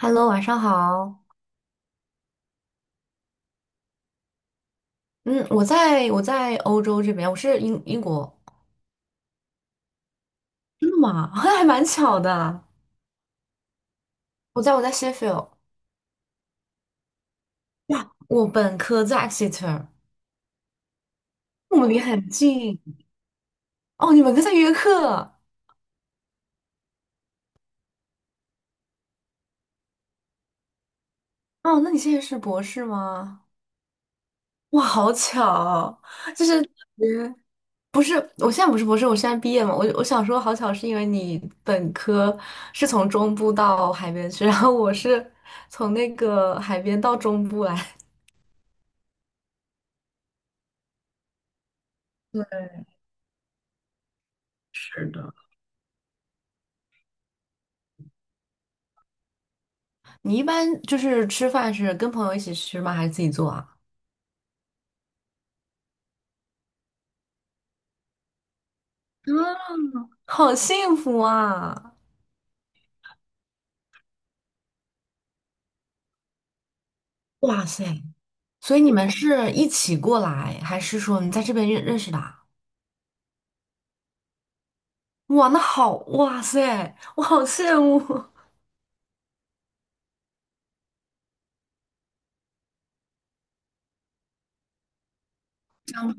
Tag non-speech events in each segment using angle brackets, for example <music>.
Hello，晚上好。嗯，我在欧洲这边，我是英国。真的吗？<laughs> 还蛮巧的。我在 Sheffield。哇，我本科在 Exeter，我们离很近。哦，你本科在约克。哦，那你现在是博士吗？哇，好巧。就是嗯不是？我现在不是博士，我现在毕业嘛。我想说好巧，是因为你本科是从中部到海边去，然后我是从那个海边到中部来。<laughs> 对，是的。你一般就是吃饭是跟朋友一起吃吗？还是自己做啊？嗯，好幸福啊！哇塞，所以你们是一起过来，还是说你在这边认识的啊。哇，那好，哇塞，我好羡慕。这样。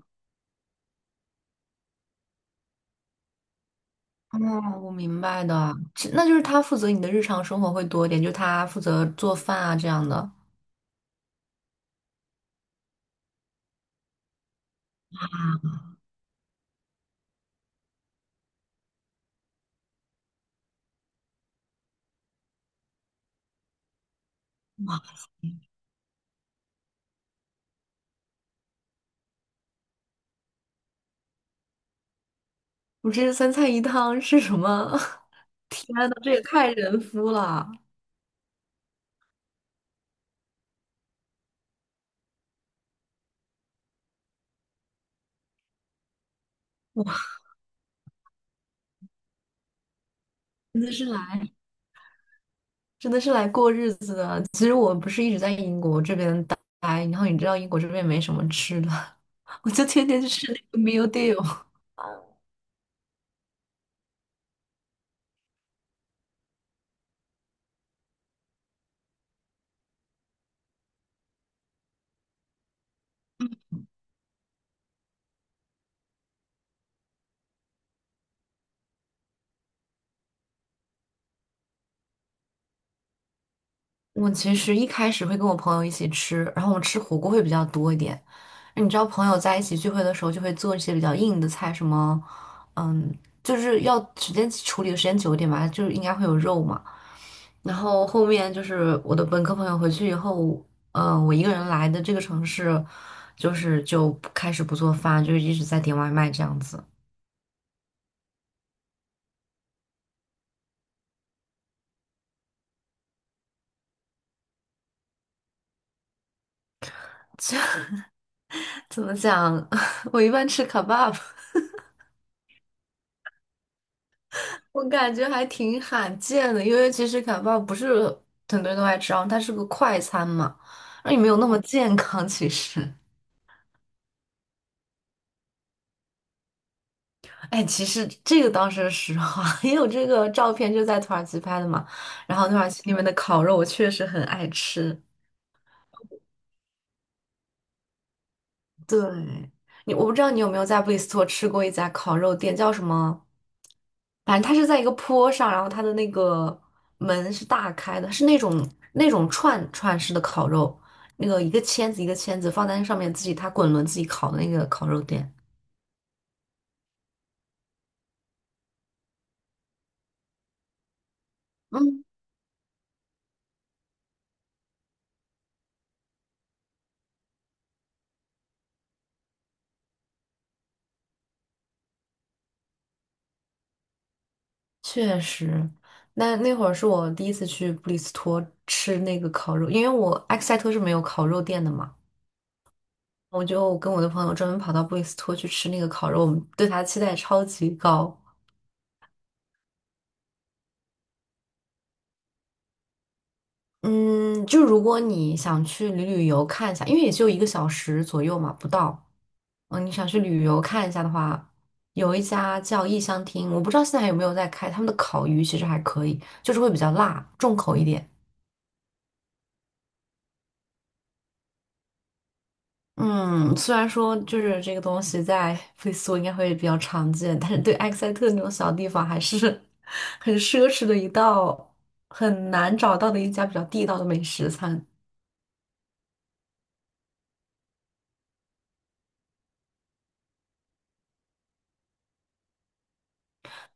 哦，我明白的，其那就是他负责你的日常生活会多一点，就他负责做饭啊这样的。啊，哇，我这三菜一汤是什么？<laughs> 天呐，这也太人夫了！哇，真的是来。真的是来过日子的。其实我不是一直在英国这边待，然后你知道英国这边没什么吃的，<laughs> 我就天天去吃那个 meal deal。我其实一开始会跟我朋友一起吃，然后我吃火锅会比较多一点。你知道朋友在一起聚会的时候就会做一些比较硬的菜，什么，嗯，就是要时间处理的时间久一点吧，就是应该会有肉嘛。然后后面就是我的本科朋友回去以后，嗯，我一个人来的这个城市，就是就不开始不做饭，就一直在点外卖这样子。怎么讲？<laughs> 我一般吃卡巴。<laughs> 我感觉还挺罕见的，因为其实卡巴不是很多人都爱吃，然后它是个快餐嘛，那也没有那么健康。其实，哎，其实这个当时实话，<laughs> 因为我这个照片就在土耳其拍的嘛，然后土耳其那边的烤肉我确实很爱吃。对，你我不知道你有没有在布里斯托吃过一家烤肉店，叫什么？反正它是在一个坡上，然后它的那个门是大开的，是那种串串式的烤肉，那个一个签子一个签子放在那上面，自己它滚轮自己烤的那个烤肉店。嗯，确实，那那会儿是我第一次去布里斯托吃那个烤肉，因为我埃克塞特是没有烤肉店的嘛，我就跟我的朋友专门跑到布里斯托去吃那个烤肉，我们对它的期待超级高。嗯，就如果你想去旅游看一下，因为也就一个小时左右嘛，不到。嗯，你想去旅游看一下的话，有一家叫异乡厅，我不知道现在还有没有在开，他们的烤鱼其实还可以，就是会比较辣，重口一点。嗯，虽然说就是这个东西在菲苏应该会比较常见，但是对埃克塞特那种小地方还是 <laughs> 很奢侈的一道，很难找到的一家比较地道的美食餐。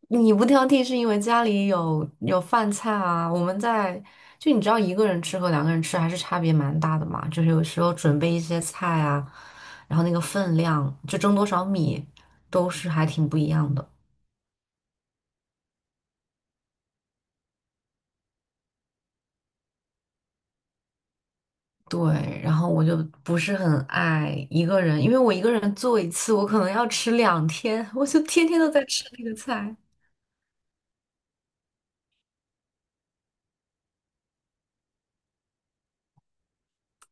你不挑剔是因为家里有饭菜啊，我们在就你知道一个人吃和两个人吃还是差别蛮大的嘛，就是有时候准备一些菜啊，然后那个分量就蒸多少米都是还挺不一样的。对，然后我就不是很爱一个人，因为我一个人做一次，我可能要吃两天，我就天天都在吃那个菜。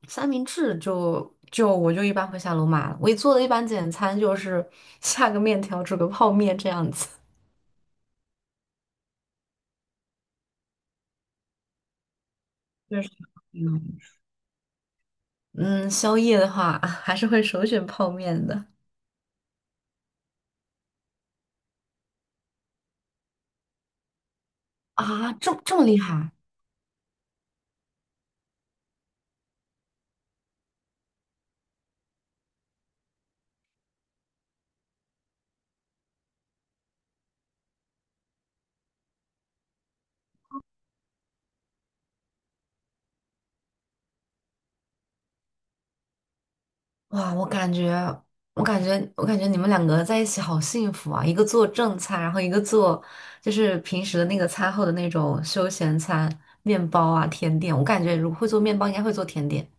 三明治就我就一般会下楼买了，我做的一般简餐就是 <laughs> 下个面条，煮个泡面这样子。确实，嗯嗯，宵夜的话 <laughs> 还是会首选泡面的。啊，这么厉害？哇，我感觉你们两个在一起好幸福啊！一个做正餐，然后一个做就是平时的那个餐后的那种休闲餐，面包啊、甜点。我感觉如果会做面包，应该会做甜点。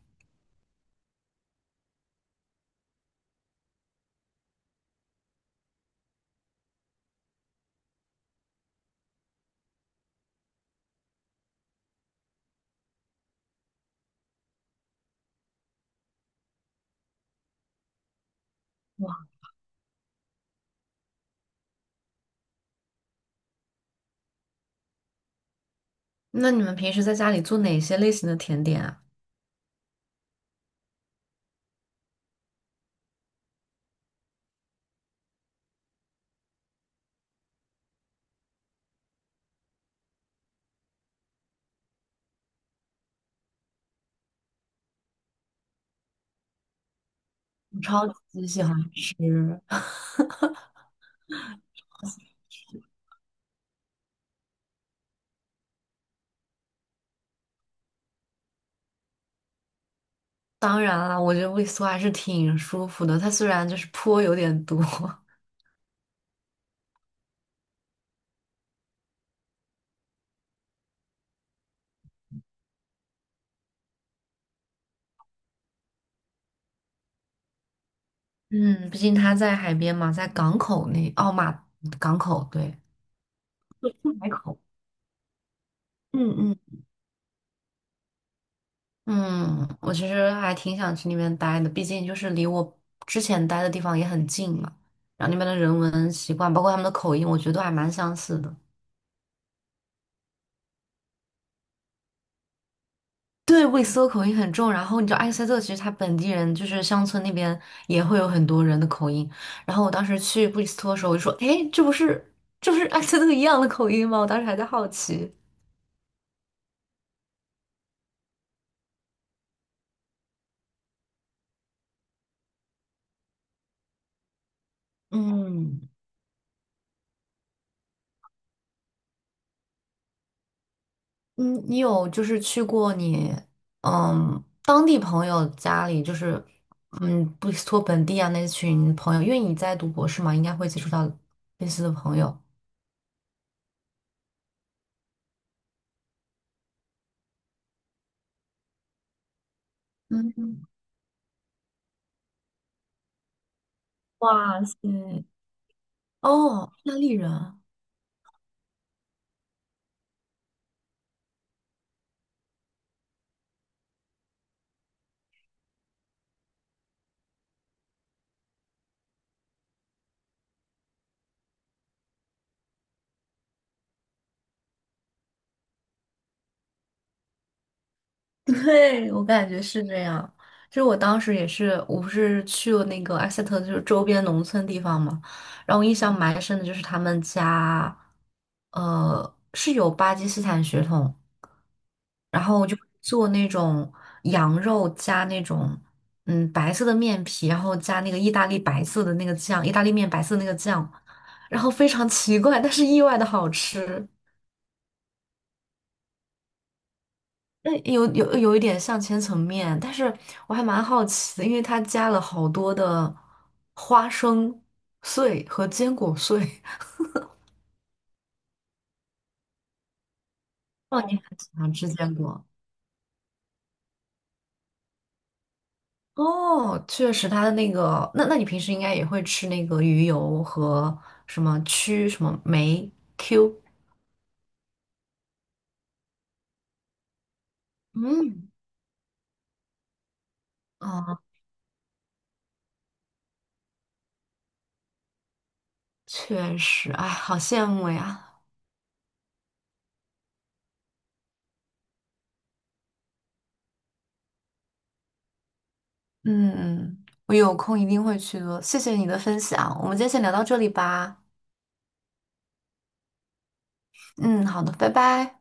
那你们平时在家里做哪些类型的甜点啊？我超级喜欢吃。<laughs> 当然啦，我觉得味素还是挺舒服的，它虽然就是 <laughs> 坡有点多。<laughs> 嗯，毕竟他在海边嘛，在港口那，哦马港口，对，海口。嗯嗯嗯，我其实还挺想去那边待的，毕竟就是离我之前待的地方也很近嘛。然后那边的人文习惯，包括他们的口音，我觉得都还蛮相似的。对，布里斯托口音很重。然后你知道埃塞特其实他本地人就是乡村那边也会有很多人的口音。然后我当时去布里斯托的时候，我就说：“诶，这不是埃塞特一样的口音吗？”我当时还在好奇。嗯。嗯，你有就是去过你当地朋友家里，就是布里斯托本地啊那群朋友，因为你在读博士嘛，应该会接触到类似的朋友。嗯，哇塞，哦，意大利人，<laughs> 对，我感觉是这样。就是我当时也是，我不是去了那个埃塞特，就是周边农村地方嘛，然后我印象蛮深的就是他们家，是有巴基斯坦血统。然后我就做那种羊肉加那种白色的面皮，然后加那个意大利白色的那个酱，意大利面白色的那个酱，然后非常奇怪，但是意外的好吃。那有一点像千层面，但是我还蛮好奇的，因为它加了好多的花生碎和坚果碎。<laughs> 哦，你很喜欢吃坚果。哦，确实，他的那个，那那你平时应该也会吃那个鱼油和什么曲什么酶 Q，嗯啊，确实，哎，好羡慕呀，嗯，嗯我有空一定会去做，谢谢你的分享，我们今天先聊到这里吧，嗯，好的，拜拜。